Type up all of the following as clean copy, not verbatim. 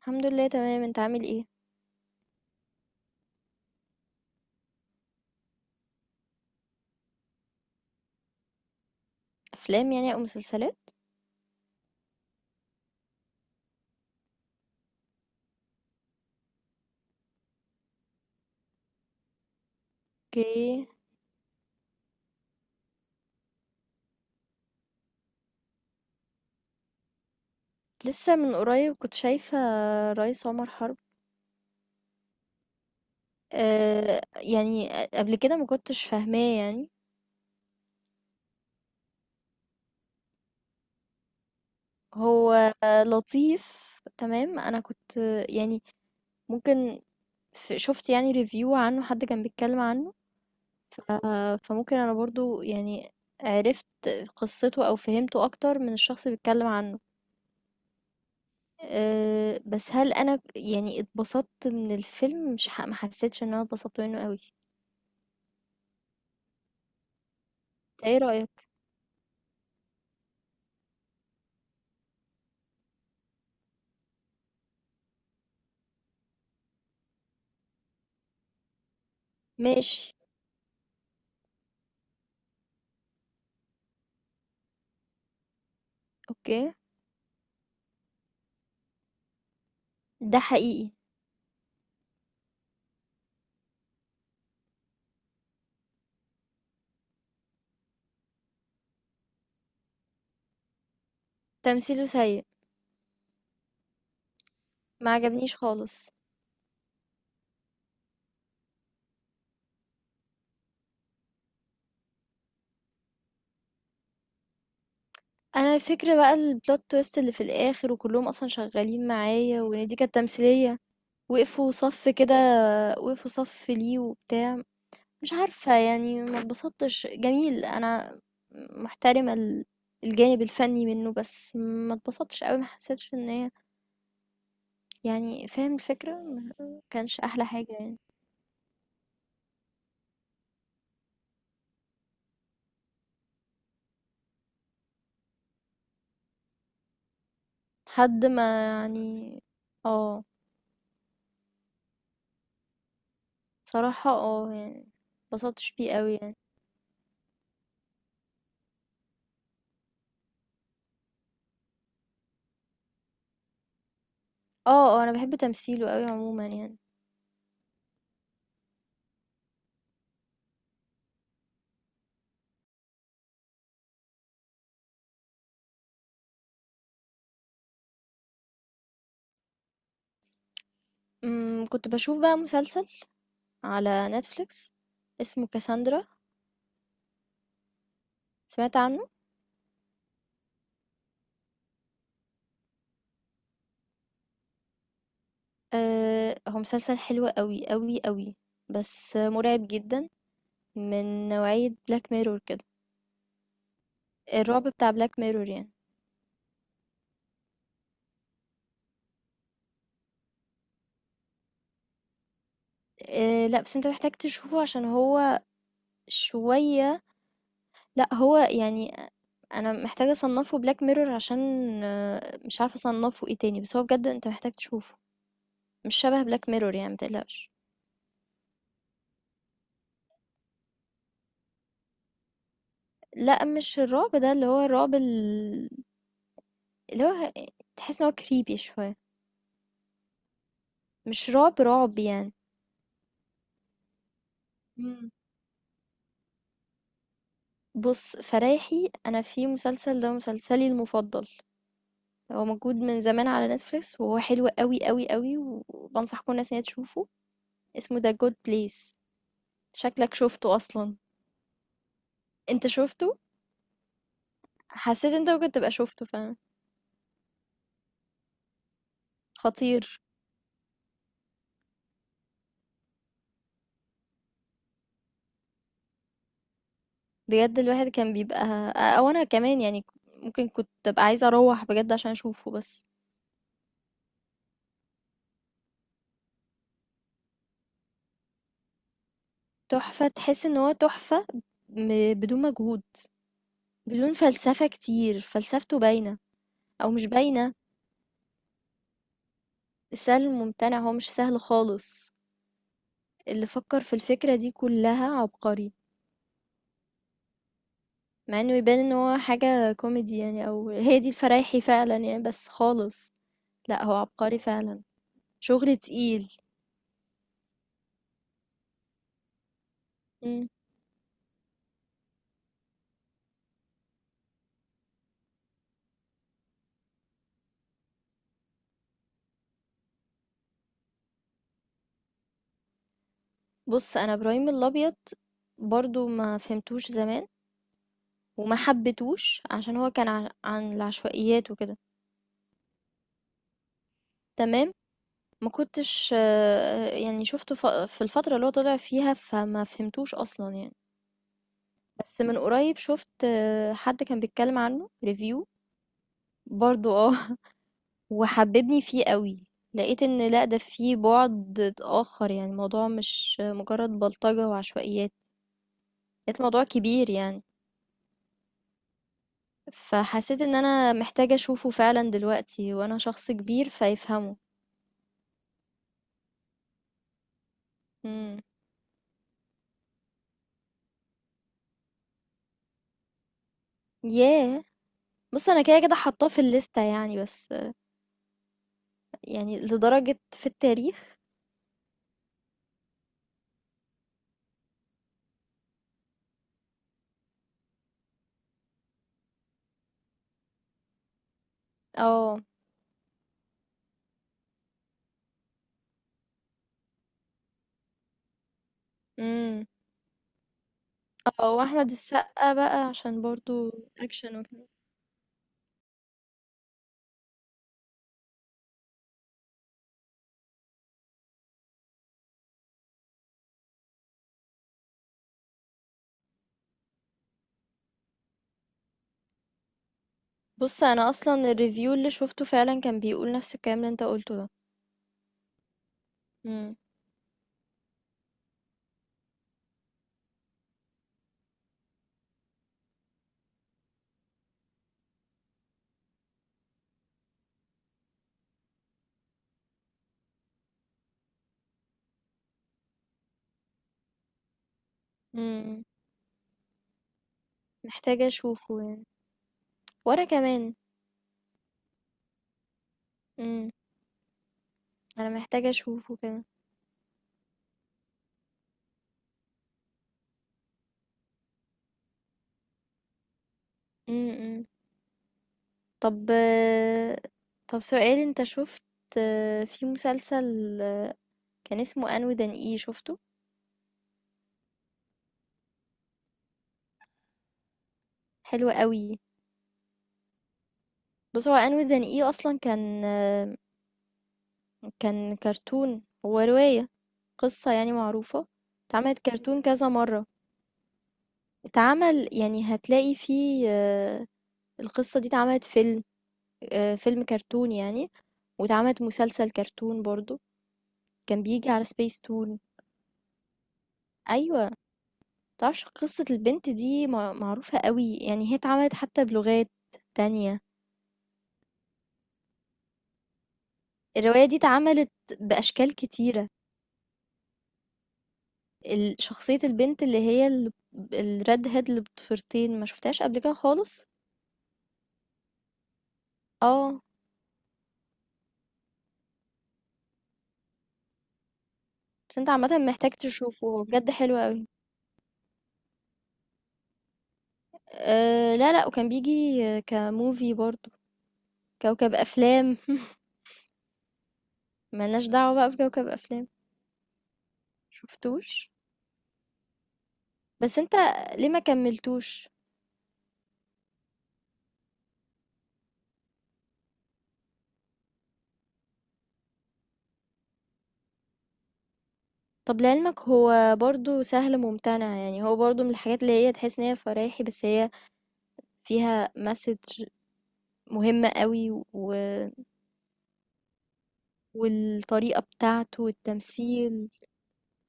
الحمد لله تمام. انت عامل ايه؟ افلام يعني او مسلسلات. اوكي. لسه من قريب كنت شايفة رئيس عمر حرب. أه، قبل كده ما كنتش فاهماه يعني. هو لطيف، تمام. انا كنت يعني ممكن، شفت يعني ريفيو عنه، حد كان بيتكلم عنه. ف- فممكن انا برضو يعني عرفت قصته او فهمته اكتر من الشخص اللي بيتكلم عنه. بس هل أنا يعني اتبسطت من الفيلم؟ مش ح ما حسيتش إن أنا اتبسطت منه أوي. أنت إيه رأيك؟ ماشي، أوكي، ده حقيقي، تمثيله سيء، ما عجبنيش خالص. أنا الفكرة بقى الplot twist اللي في الآخر وكلّهم أصلًا شغالين معايا، وإن دي كانت تمثيلية، وقفوا صف كده، وقفوا صف ليه وبتاع، مش عارفة يعني، ما اتبسطتش. جميل، أنا محترمة الجانب الفني منه، بس ما اتبسطتش أوي، ما حسيتش إن هي يعني، فاهم الفكرة، ما كانش أحلى حاجة يعني. حد ما يعني، اه، صراحة اه يعني مبسطتش بيه قوي يعني. اه اه، أنا بحب تمثيله قوي عموما يعني. أمم، كنت بشوف بقى مسلسل على نتفليكس اسمه كاساندرا، سمعت عنه؟ أه، هو مسلسل حلو قوي قوي قوي، بس مرعب جدا، من نوعية بلاك ميرور كده، الرعب بتاع بلاك ميرور يعني. أه لا، بس انت محتاج تشوفه عشان هو شوية، لأ هو يعني، أنا محتاجة أصنّفه Black Mirror عشان، آآ، مش عارفة أصنّفه إيه تاني، بس هو بجد أنت محتاج تشوفه، مش شبه Black Mirror يعني، ما تقلقش. لأ مش الرعب ده، اللي هو الرعب اللي هو تحس إن هو creepy شوية، مش رعب رعب يعني. إمم. بُص، فرايحي أنا في مسلسل، ده مسلسلي المفضل، هو موجود من زمان على Netflix وهو حلو أوي أوي أوي، وبانصح كل الناس إن هي تشوفه، اسمه The Good Place. شكلك شُفته أصلًا، أنت شُفته؟ حسيت انت ممكن تبقى شُفته فعلًا، خطير، بجد الواحد كان بيبقى، أو أنا كمان يعني، ممكن كنت أبقى عايزة أروّح بجد عشان أشوفه بس، تحفة، تحس إن هو تحفة بدون مجهود، بدون فلسفة كتير، فلسفته باينة أو مش باينة، السهل الممتنع هو مش سهل خالص، اللي فكّر في الفكرة دي كلّها عبقري، مع إنه يبان إن هو حاجة كوميدي يعني، أو هي دي الفرايحي فعلًا يعني، بس خالص، لأ هو عبقري فعلًا، شغل تقيل. إمم. بُص، أنا إبراهيم الأبيض برضه ما فهمتوش زمان، وما حبيتهوش عشان هو كان عن العشوائيات وكده، تمام، ما كنتش آه، يعني شُفته في الفترة اللي هو طلع فيها، فما فهمتوش أصلًا يعني، بس من قريب شُفت آه، حد كان بيتكلم عنه review، برضه آه، وحببني فيه أوي، لقيت إن لأ، ده فيه بُعد آخر يعني، الموضوع مش مجرد بلطجة وعشوائيات، لقيت الموضوع كبير يعني. فحسيت إن أنا محتاجة أشوفه فعلًا دلوقتي، وأنا شخص كبير فيفهمه. إمم. ياه! بُص أنا كده كده حاطاه في الليستة يعني، بس يعني لدرجة في التاريخ؟ آه. إمم. آه، وأحمد السقا بقى عشان برضه أكشن وكده. بُص أنا أصلًا الreview اللي شُفته فعلًا كان بيقول نفس الكلام اللي أنت قُلته ده. إمم. إمم. محتاجة أشوفه يعني. وأنا كمان. إمم. أنا محتاجة أشوفه كده. إمم، إمم. طب، طب سؤال، انت شفت في مسلسل كان اسمه انو دان اي؟ شفته؟ حلو قوي. بص، هو انو دان اي اصلا كان كرتون، هو رواية، قصة يعني معروفة، اتعملت كرتون كذا مرة، اتعمل يعني، هتلاقي فيه آه، القصة دي اتعملت فيلم، آه، فيلم كرتون يعني، واتعملت مسلسل كرتون برضو، كان بيجي على سبيس تون. ايوه، تعرفش قصة البنت دي معروفة قوي يعني، هي اتعملت حتى بلغات تانية، الرواية دي اتعملت بأشكال كتيرة، شخصية البنت اللي هي الريد هيد اللي بطفرتين، ما شفتهاش قبل كده خالص. اه، بس انت عامة محتاج تشوفه، هو بجد حلو قوي. أه لا لا، وكان بيجي آه، كموفي برضو، كوكب أفلام ملناش دعوة بقى بكوكب أفلام. شفتوش؟ بس انت ليه ما كملتوش؟ طَب لعلمك هو برضه سهل ممتنع، يعني هو برضه من الحاجات اللي هي تحس إن هي فرايحي، بس هي فيها message مهم أوي، و والطريقة بتاعته والتمثيل،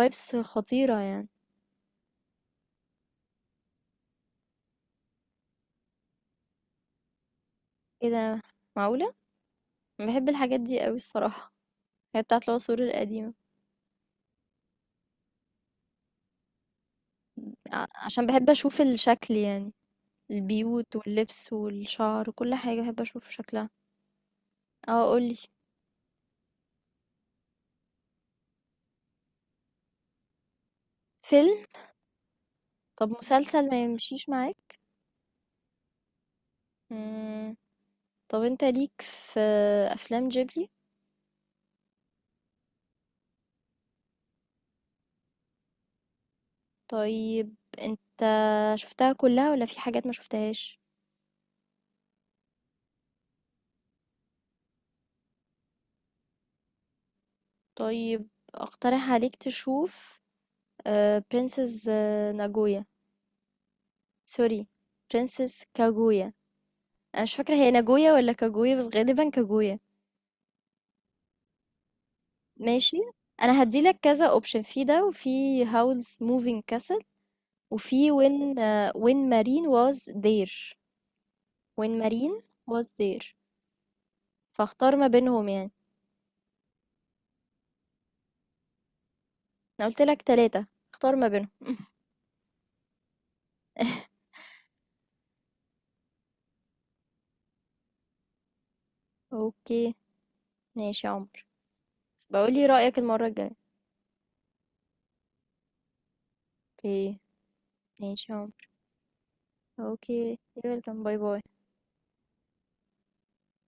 vibes خطيرة يعني. إيه ده، معقولة! أنا باحب الحاجات دي أوي الصراحة، هي بتاعة العصور القديمة، عشان باحب أشوف الشكل يعني، البيوت واللبس والشعر وكل حاجة باحب أشوف شكلها. آه قُل لي. فيلم؟ طَب مسلسل ما يمشيش معاك؟ إمم. طب انت ليك في افلام جيبلي؟ طيب انت شفتها كلها ولا في حاجات ما شفتهاش؟ طيب، اقترح عليك تشوف برنسس ناجويا، سوري، برنسس كاجويا، انا مش فاكره هي ناجويا ولا كاجويا، بس غالبا كاجويا. ماشي، انا هديلك كذا اوبشن، في ده، وفي هاولز موفينج كاسل، وفي وين وين مارين واز دير، وين مارين واز دير، فاختار ما بينهم يعني. انا قلت لك ثلاثة، اختار ما بينهم. اوكي، ماشي يا عمر، بقول لي رأيك المرة الجاية. اوكي، ماشي يا عمر. اوكي يا، ويلكم، باي باي.